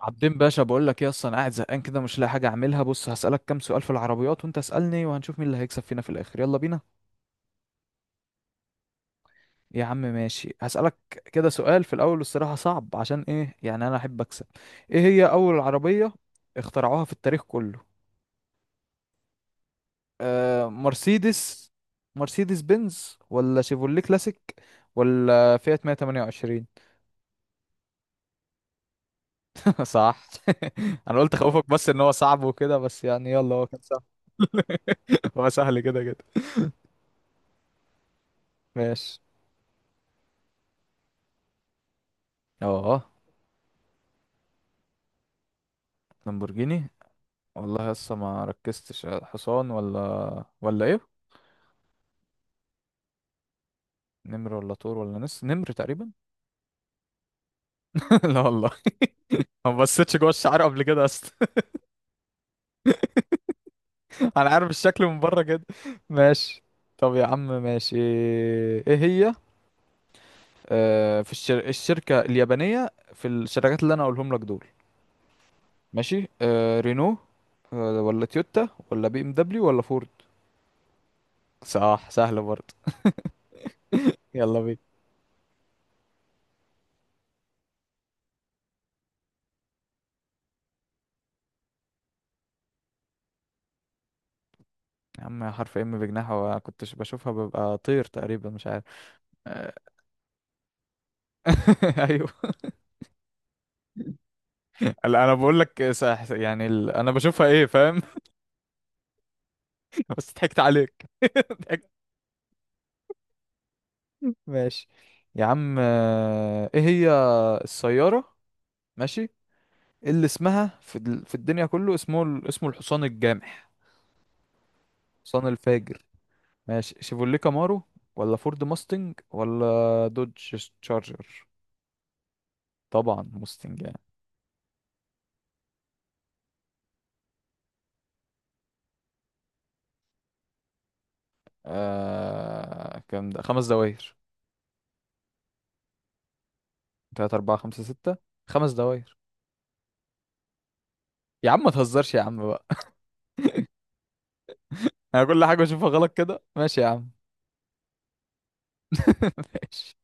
عابدين باشا، بقول لك ايه؟ اصلا قاعد زهقان كده، مش لاقي حاجه اعملها. بص، هسالك كام سؤال في العربيات وانت اسالني، وهنشوف مين اللي هيكسب فينا في الاخر. يلا بينا. يا عم ماشي، هسالك كده. سؤال في الاول الصراحه صعب، عشان ايه؟ يعني انا احب اكسب. ايه هي اول عربيه اخترعوها في التاريخ كله؟ آه مرسيدس مرسيدس بنز ولا شيفولي كلاسيك ولا فيات 128؟ صح. انا قلت خوفك، بس ان هو صعب وكده، بس يعني يلا هو كان سهل. هو سهل كده كده. ماشي. اه لامبورجيني. والله لسه ما ركزتش، حصان ولا ايه؟ نمر ولا طور ولا نمر تقريبا. لا والله. ما بصيتش جوه الشعر قبل كده اصلا. انا عارف الشكل من بره كده. ماشي. طب يا عم ماشي. ايه هي في الشركة اليابانية في الشركات اللي انا اقولهم لك دول؟ ماشي، رينو ولا تويوتا ولا بي ام دبليو ولا فورد؟ صح، سهلة برضه. يلا بينا. يا عم، حرف ام بجناحه، كنتش بشوفها ببقى طير تقريبا، مش عارف. ايوه. لا، انا بقول لك صح، يعني انا بشوفها، ايه فاهم؟ بس ضحكت عليك. ضحكت. ماشي. يا عم ايه هي السيارة؟ ماشي. اللي اسمها في الدنيا كله، اسمه اسمه الحصان الجامح، الحصان الفاجر. ماشي، شيفوليه كامارو ولا فورد ماستنج ولا دوج تشارجر؟ طبعا ماستنج يعني. كام ده؟ خمس دوائر. تلاتة، أربعة، خمسة، ستة. خمس دوائر. يا عم ما تهزرش يا عم بقى. انا كل حاجه بشوفها غلط كده. ماشي يا عم. ماشي.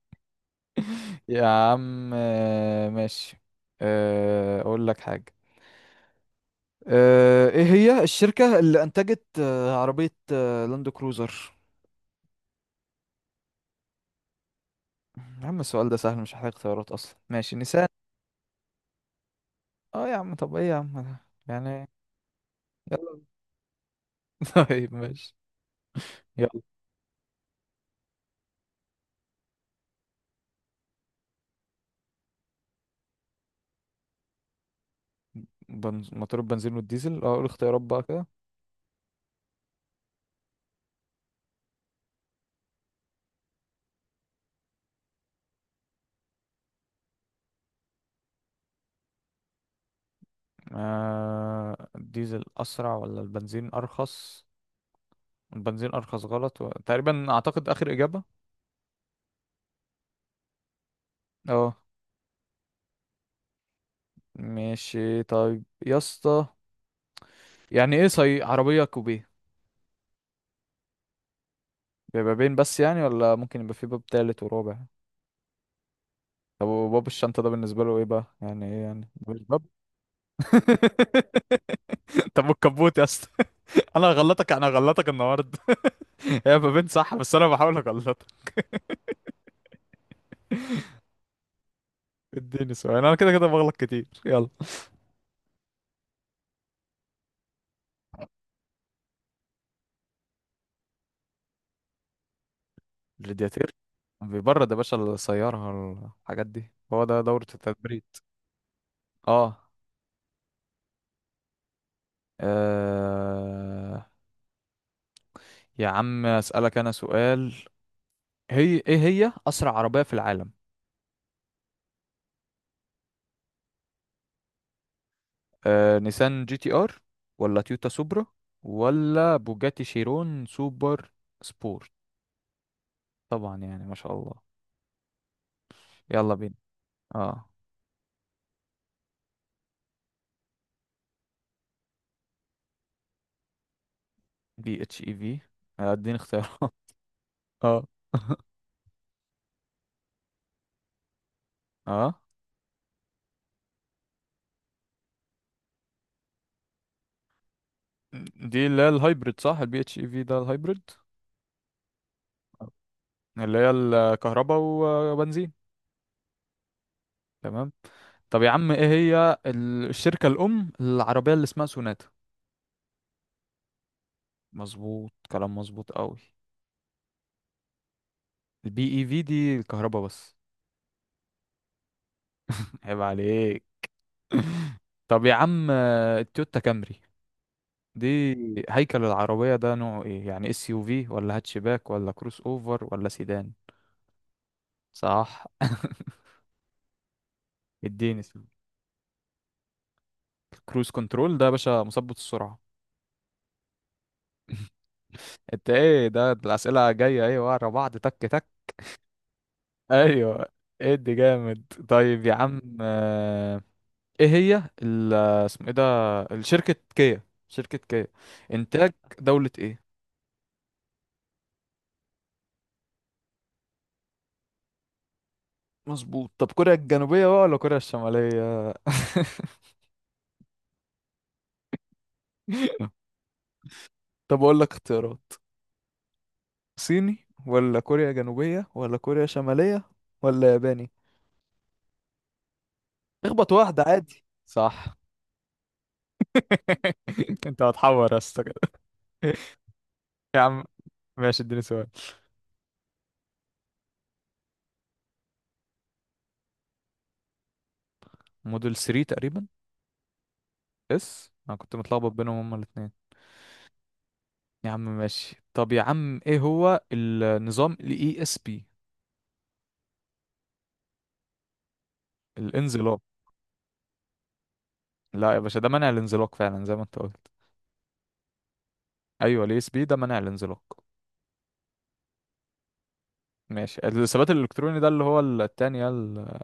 يا عم ماشي. اقول لك حاجه. ايه هي الشركه اللي انتجت عربيه لاند كروزر؟ يا عم السؤال ده سهل، مش محتاج اختيارات اصلا. ماشي، نيسان. اه يا عم، طب ايه يا عم؟ يعني. يلا. طيب ماشي. يلا. موتور البنزين والديزل. اه، قول اختيارات بقى كده. الديزل اسرع ولا البنزين ارخص؟ البنزين ارخص غلط، تقريبا اعتقد اخر اجابه. اه. ماشي طيب يا اسطى. يعني ايه صي عربية كوبيه؟ بيبقى بين بس يعني، ولا ممكن يبقى في باب تالت ورابع؟ طب وباب الشنطة ده بالنسبة له ايه بقى؟ يعني ايه يعني؟ ده مش باب. طب والكبوت يا اسطى؟ انا هغلطك، انا هغلطك النهارده. هي ما بين صح، بس انا بحاول اغلطك. اديني سؤال، انا كده كده بغلط كتير. يلا. الرادياتير بيبرد يا باشا السيارة. الحاجات دي، هو ده دورة التبريد. اه. آه، يا عم اسألك انا سؤال. هي ايه هي اسرع عربيه في العالم؟ نيسان جي تي ار، ولا تويوتا سوبرا، ولا بوجاتي شيرون سوبر سبورت؟ طبعا، يعني ما شاء الله. يلا بينا. اه. بي اتش اي في. اديني اختيار. اه. اه. دي اللي هي الهايبريد صح؟ البي اتش اي في ده الهايبريد، اللي هي الكهرباء وبنزين. تمام. طب يا عم، ايه هي الشركة الأم العربية اللي اسمها سوناتا؟ مظبوط، كلام مظبوط قوي. البي اي في دي الكهرباء بس. عيب عليك. طب يا عم التويوتا كامري دي، هيكل العربية ده نوعه ايه؟ يعني اس يو في ولا هاتشباك ولا كروس اوفر ولا سيدان؟ صح. اديني سؤال. كروز كنترول ده يا باشا مثبت السرعة. انت ايه ده الأسئلة جاية ايه ورا بعض؟ تك تك. ايوه. ادي جامد. طيب يا عم ايه هي اسمه ايه ده الشركة كيا. شركة كيا انتاج دولة ايه؟ مظبوط. طب كوريا الجنوبية بقى ولا كوريا الشمالية؟ طب أقول لك اختيارات. صيني ولا كوريا جنوبية ولا كوريا شمالية ولا ياباني؟ اخبط واحدة عادي، صح؟ انت هتحور يا اسطى كده. يا عم، ماشي اديني سؤال. موديل 3 تقريبا. اس، انا كنت متلخبط بينهم هما الاثنين. يا عم ماشي، طب يا عم ايه هو النظام الاي اس بي؟ الانزلاق. لا يا باشا، ده منع الانزلاق فعلا زي ما انت قلت. ايوه، الاي اس بي ده منع الانزلاق. ماشي، الثبات الالكتروني ده اللي هو التاني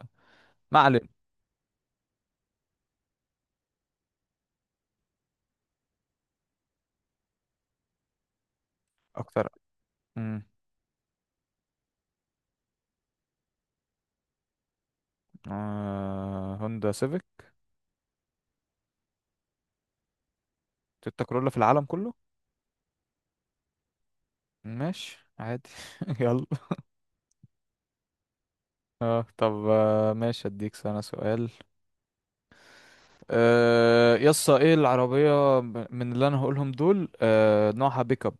ما علينا. اكتر. امم. هوندا سيفيك؟ تويوتا كورولا في العالم كله. ماشي عادي. يلا. اه، طب ماشي اديك انا سؤال. يسا، ايه العربية من اللي انا هقولهم دول نوعها بيك اب؟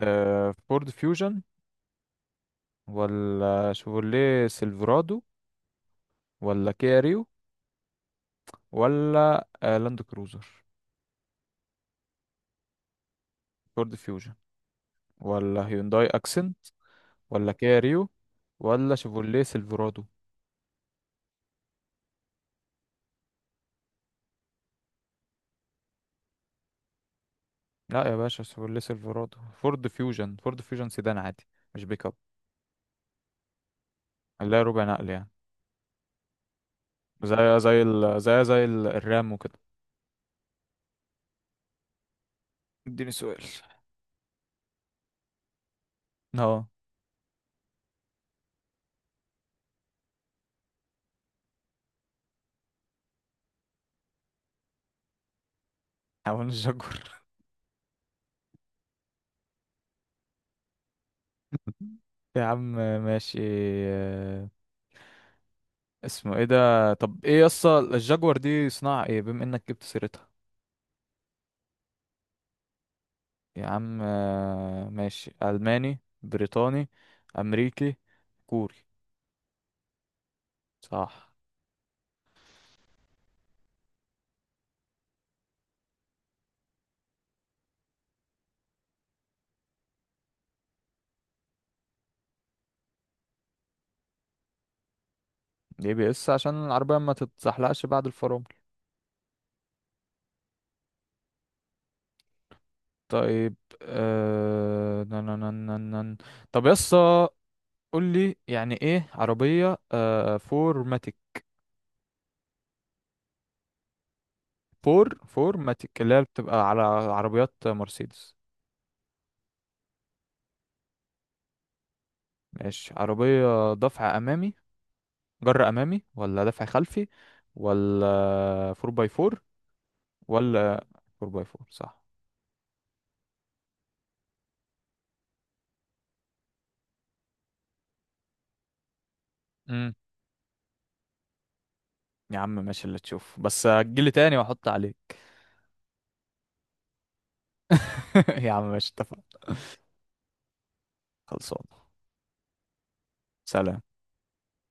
فورد فيوجن، ولا شيفروليه سيلفرادو، ولا كيا ريو، ولا لاند كروزر؟ فورد فيوجن، ولا هيونداي اكسنت، ولا كيا ريو، ولا شيفورليه سيلفرادو؟ لا يا باشا، شيفورليه سيلفرادو. فورد فيوجن، فورد فيوجن سيدان عادي، مش بيك اب. اللي هي ربع نقل يعني، الرام وكده. اديني سؤال. اه. حاول الشجر. يا عم ماشي. آه، اسمه ايه ده؟ طب ايه يسطا، الجاكور دي صناعة ايه، بما انك جبت سيرتها؟ يا عم ماشي. ألماني، بريطاني، أمريكي، كوري؟ صح. اي بي اس عشان العربية ما تتزحلقش بعد الفرامل. طيب. آه... نن نن نن نن. طب يسا، قول لي يعني ايه عربية فور ماتيك؟ فور ماتيك اللي هي بتبقى على عربيات مرسيدس. ماشي، عربية دفع أمامي، جر أمامي، ولا دفع خلفي، ولا فور باي فور، ولا فور باي فور صح؟ امم. يا عم ماشي اللي تشوف، بس هتجيلي تاني واحط عليك. يا عم ماشي، اتفقنا. خلصان. سلام.